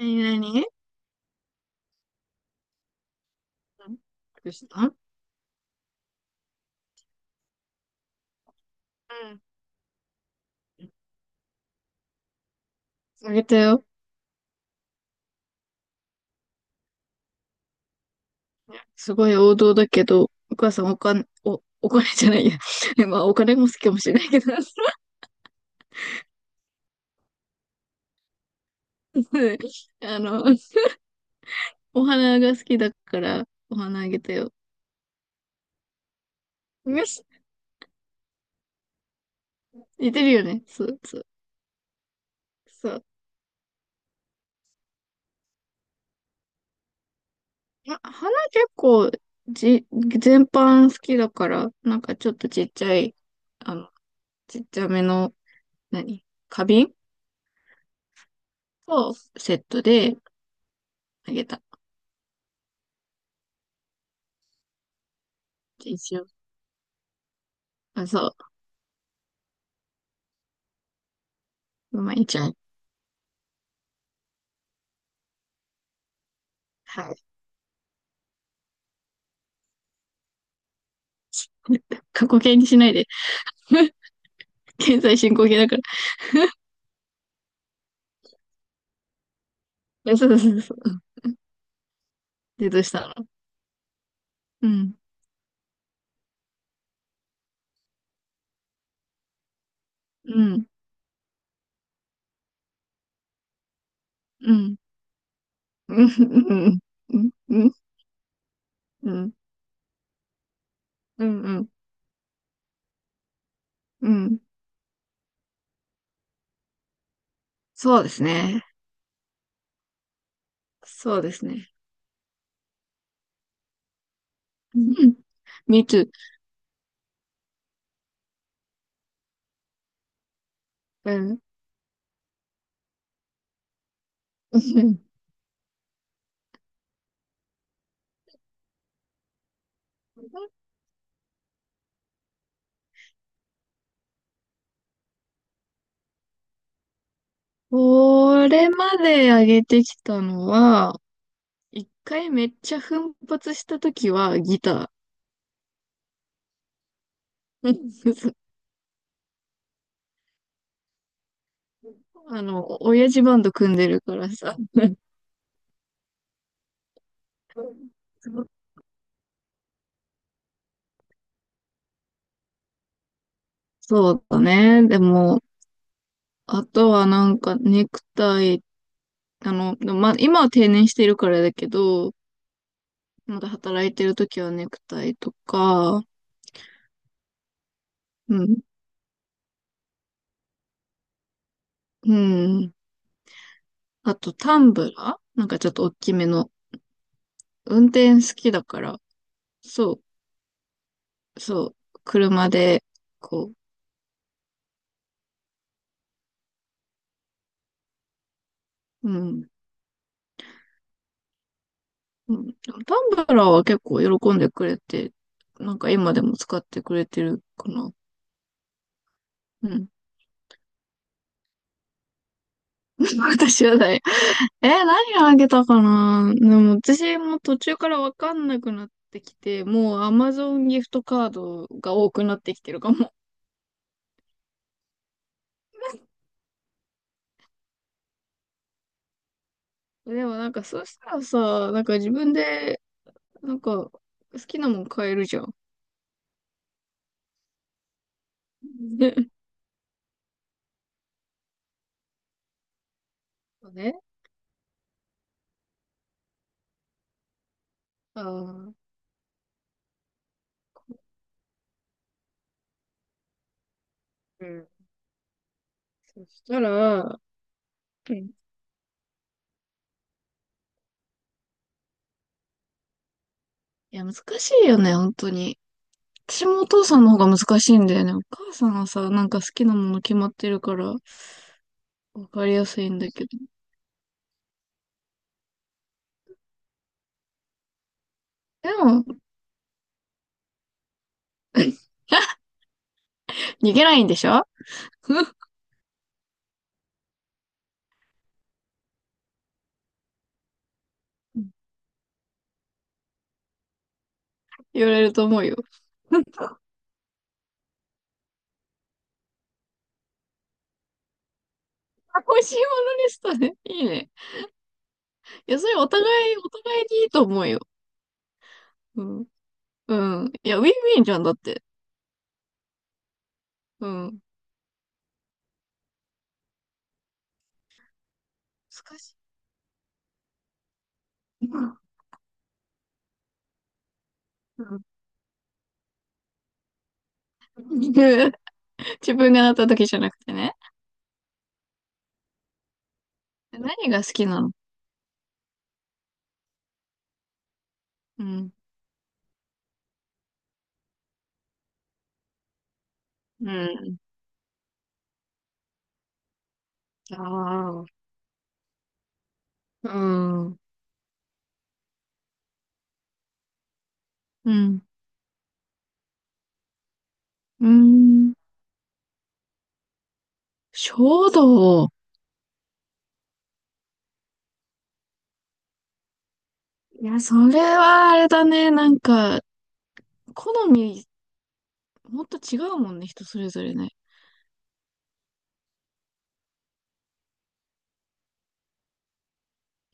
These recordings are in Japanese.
何何。うんどうした。うんあげたよ。すごい王道だけど、お母さんお金、お、お金じゃないや。まあ、お金も好きかもしれないけど、あの、お花が好きだから、お花あげたよ。よし、似てるよね。そうそう。そう。まあ、花結構、じ、全般好きだから、なんかちょっとちっちゃい、あの、ちっちゃめの、何花瓶をセットであげた。一応。あ、そう。まあいちゃん。はい。過去形にしないで。現在進行形だから。そうそうそう。で、どうしたの。うん。うん。うん。うん。うん。うん。うん。うん。うん。うん。そうですね。そうですね。うん。Me too. うん。うん これまで上げてきたのは、一回めっちゃ奮発したときはギター。親父バンド組んでるからさ。そうそうだね。でも、あとはなんかネクタイ、でもまあ今は定年してるからだけど、まだ働いてる時はネクタイとか、うん、うん。あとタンブラーなんかちょっと大きめの。運転好きだから、そう、そう、車で、こう、うん、うん。でもタンブラーは結構喜んでくれて、なんか今でも使ってくれてるかな。うん。私はない。え、何あげたかな。でも私も途中からわかんなくなってきて、もう Amazon ギフトカードが多くなってきてるかも。でもなんかそうしたらさ、なんか自分で、なんか好きなもん買えるじゃん。ね。そうね。あーうん。そしたら、うん。いや、難しいよね、本当に。私もお父さんの方が難しいんだよね。お母さんはさ、なんか好きなもの決まってるから、わかりやすいんだけど。でも、逃げないんでしょ。 言われると思うよ。美味しいものリストね。いいね。いや、それお互い、お互いにいいと思うよ。うん。うん。いや、ウィンウィンじゃん、だって。うん。難しい。うんうん 自分が当たった時じゃなくてね。何が好きなの。うん。うん。ああ。うん。うん。うん。衝動。いや、それはあれだね。なんか、好み、もっと違うもんね、人それぞれね。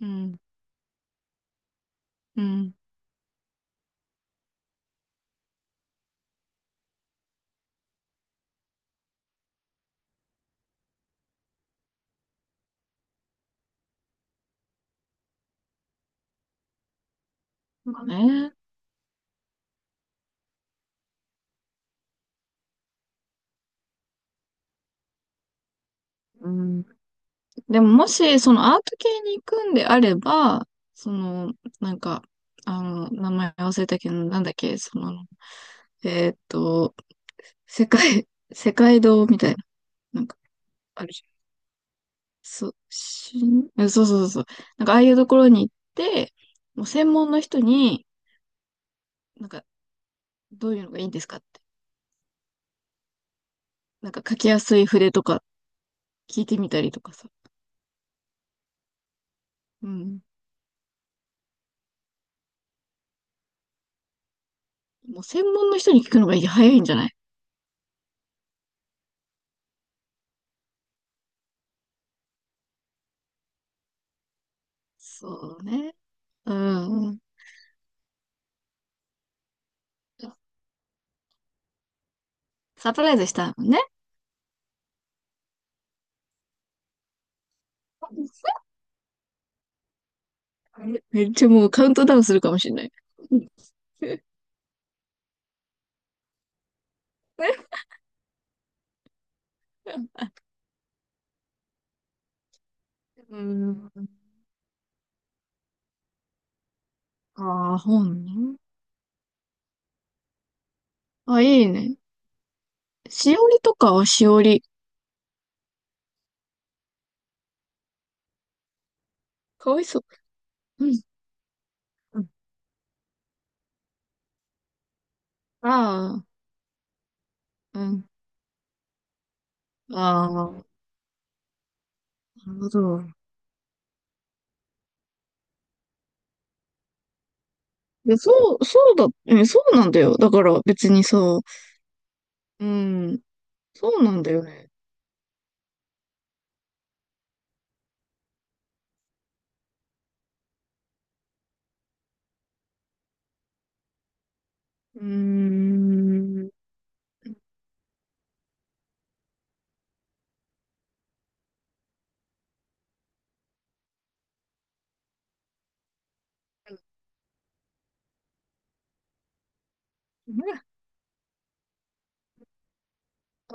うん。うん。まあね。うん。でももし、そのアート系に行くんであれば、その、なんか、名前忘れたけど、なんだっけ、その、えーっと、世界、世界堂みたいな、なんか、あるじゃん。そ、しん、えそうそうそうそう。なんか、ああいうところに行って、もう専門の人に、なんか、どういうのがいいんですかって。なんか、書きやすい筆とか聞いてみたりとかさ。うん。もう専門の人に聞くのが早いんじゃない。そうね。うん。サプライズしたもんね。めっちゃもうカウントダウンするかもしれない。うん。ああ、本ね。あ、いいね。しおりとかはしおり。かわいそう。うん。うんああ、うん。ああ、なるほど。で、そう、そうだ、え、そうなんだよ。だから別にさ、うん、そうなんだよね。うーん。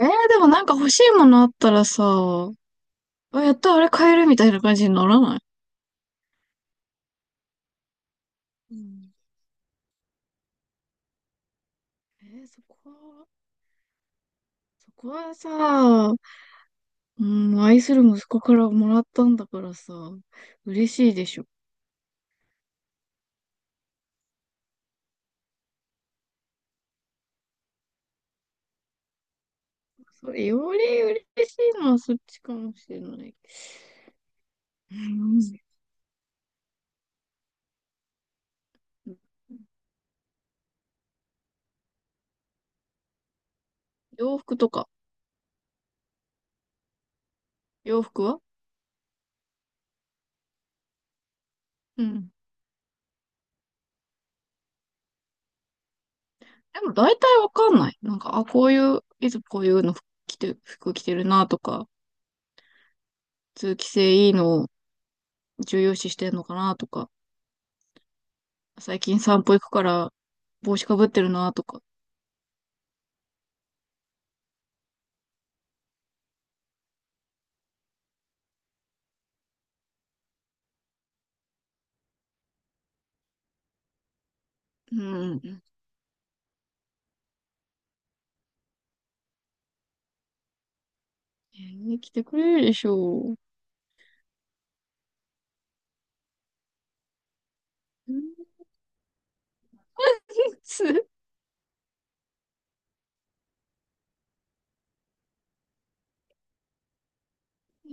えー、でもなんか欲しいものあったらさ、あ、やった、あれ買えるみたいな感じにならない。うん。えーそこは、そこはさ、うん、愛する息子からもらったんだからさ、嬉しいでしょ。それより嬉しいのはそっちかもしれない。うん。洋服とか、洋服はうん。でも大体わかんない。なんか、あ、こういう、いつもこういうの着て、服着てるなとか、通気性いいのを重要視してんのかなとか、最近散歩行くから帽子かぶってるなとか。うん。に来てくれるでしょう。んい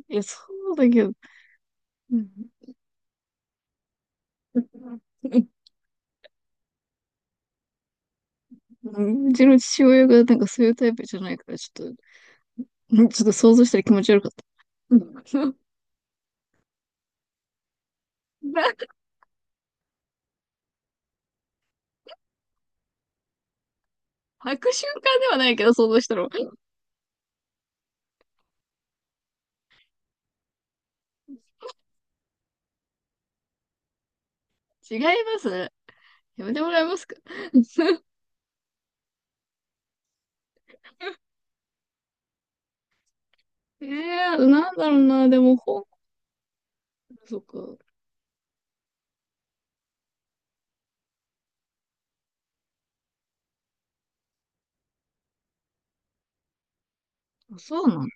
や、そうだけど、うん、うんうちの父親がなんかそういうタイプじゃないから、ちょっと、ちょっと想像したら気持ち悪かった。うんなんか 履く瞬間ではないけど、想像したら。違いますやめてもらえますか ええーなんだろうな、でも本、そっか。あそうなの、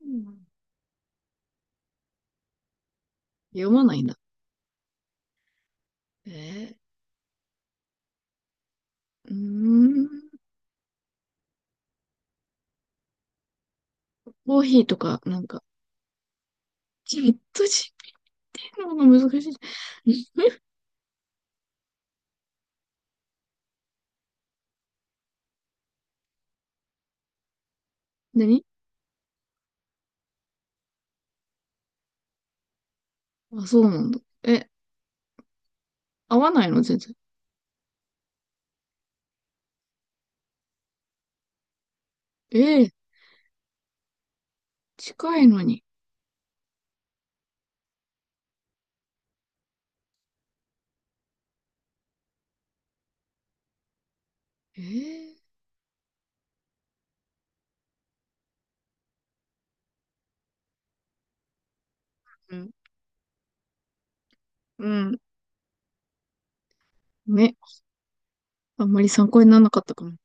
うん読まないんだ。えー、うーん。コーヒーとか、なんか、じっとじてるのが難しい。ん何あ、そうなんだ。え、合わないの全然。ええ近いのに。ええうん。うん。ね。あんまり参考にならなかったかも。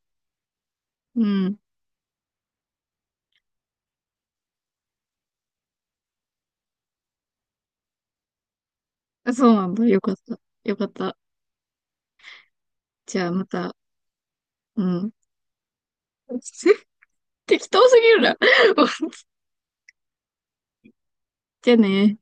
うん。あ、そうなんだ。よかった。よかった。じゃあまた。うん。適当すぎるな。じゃあね。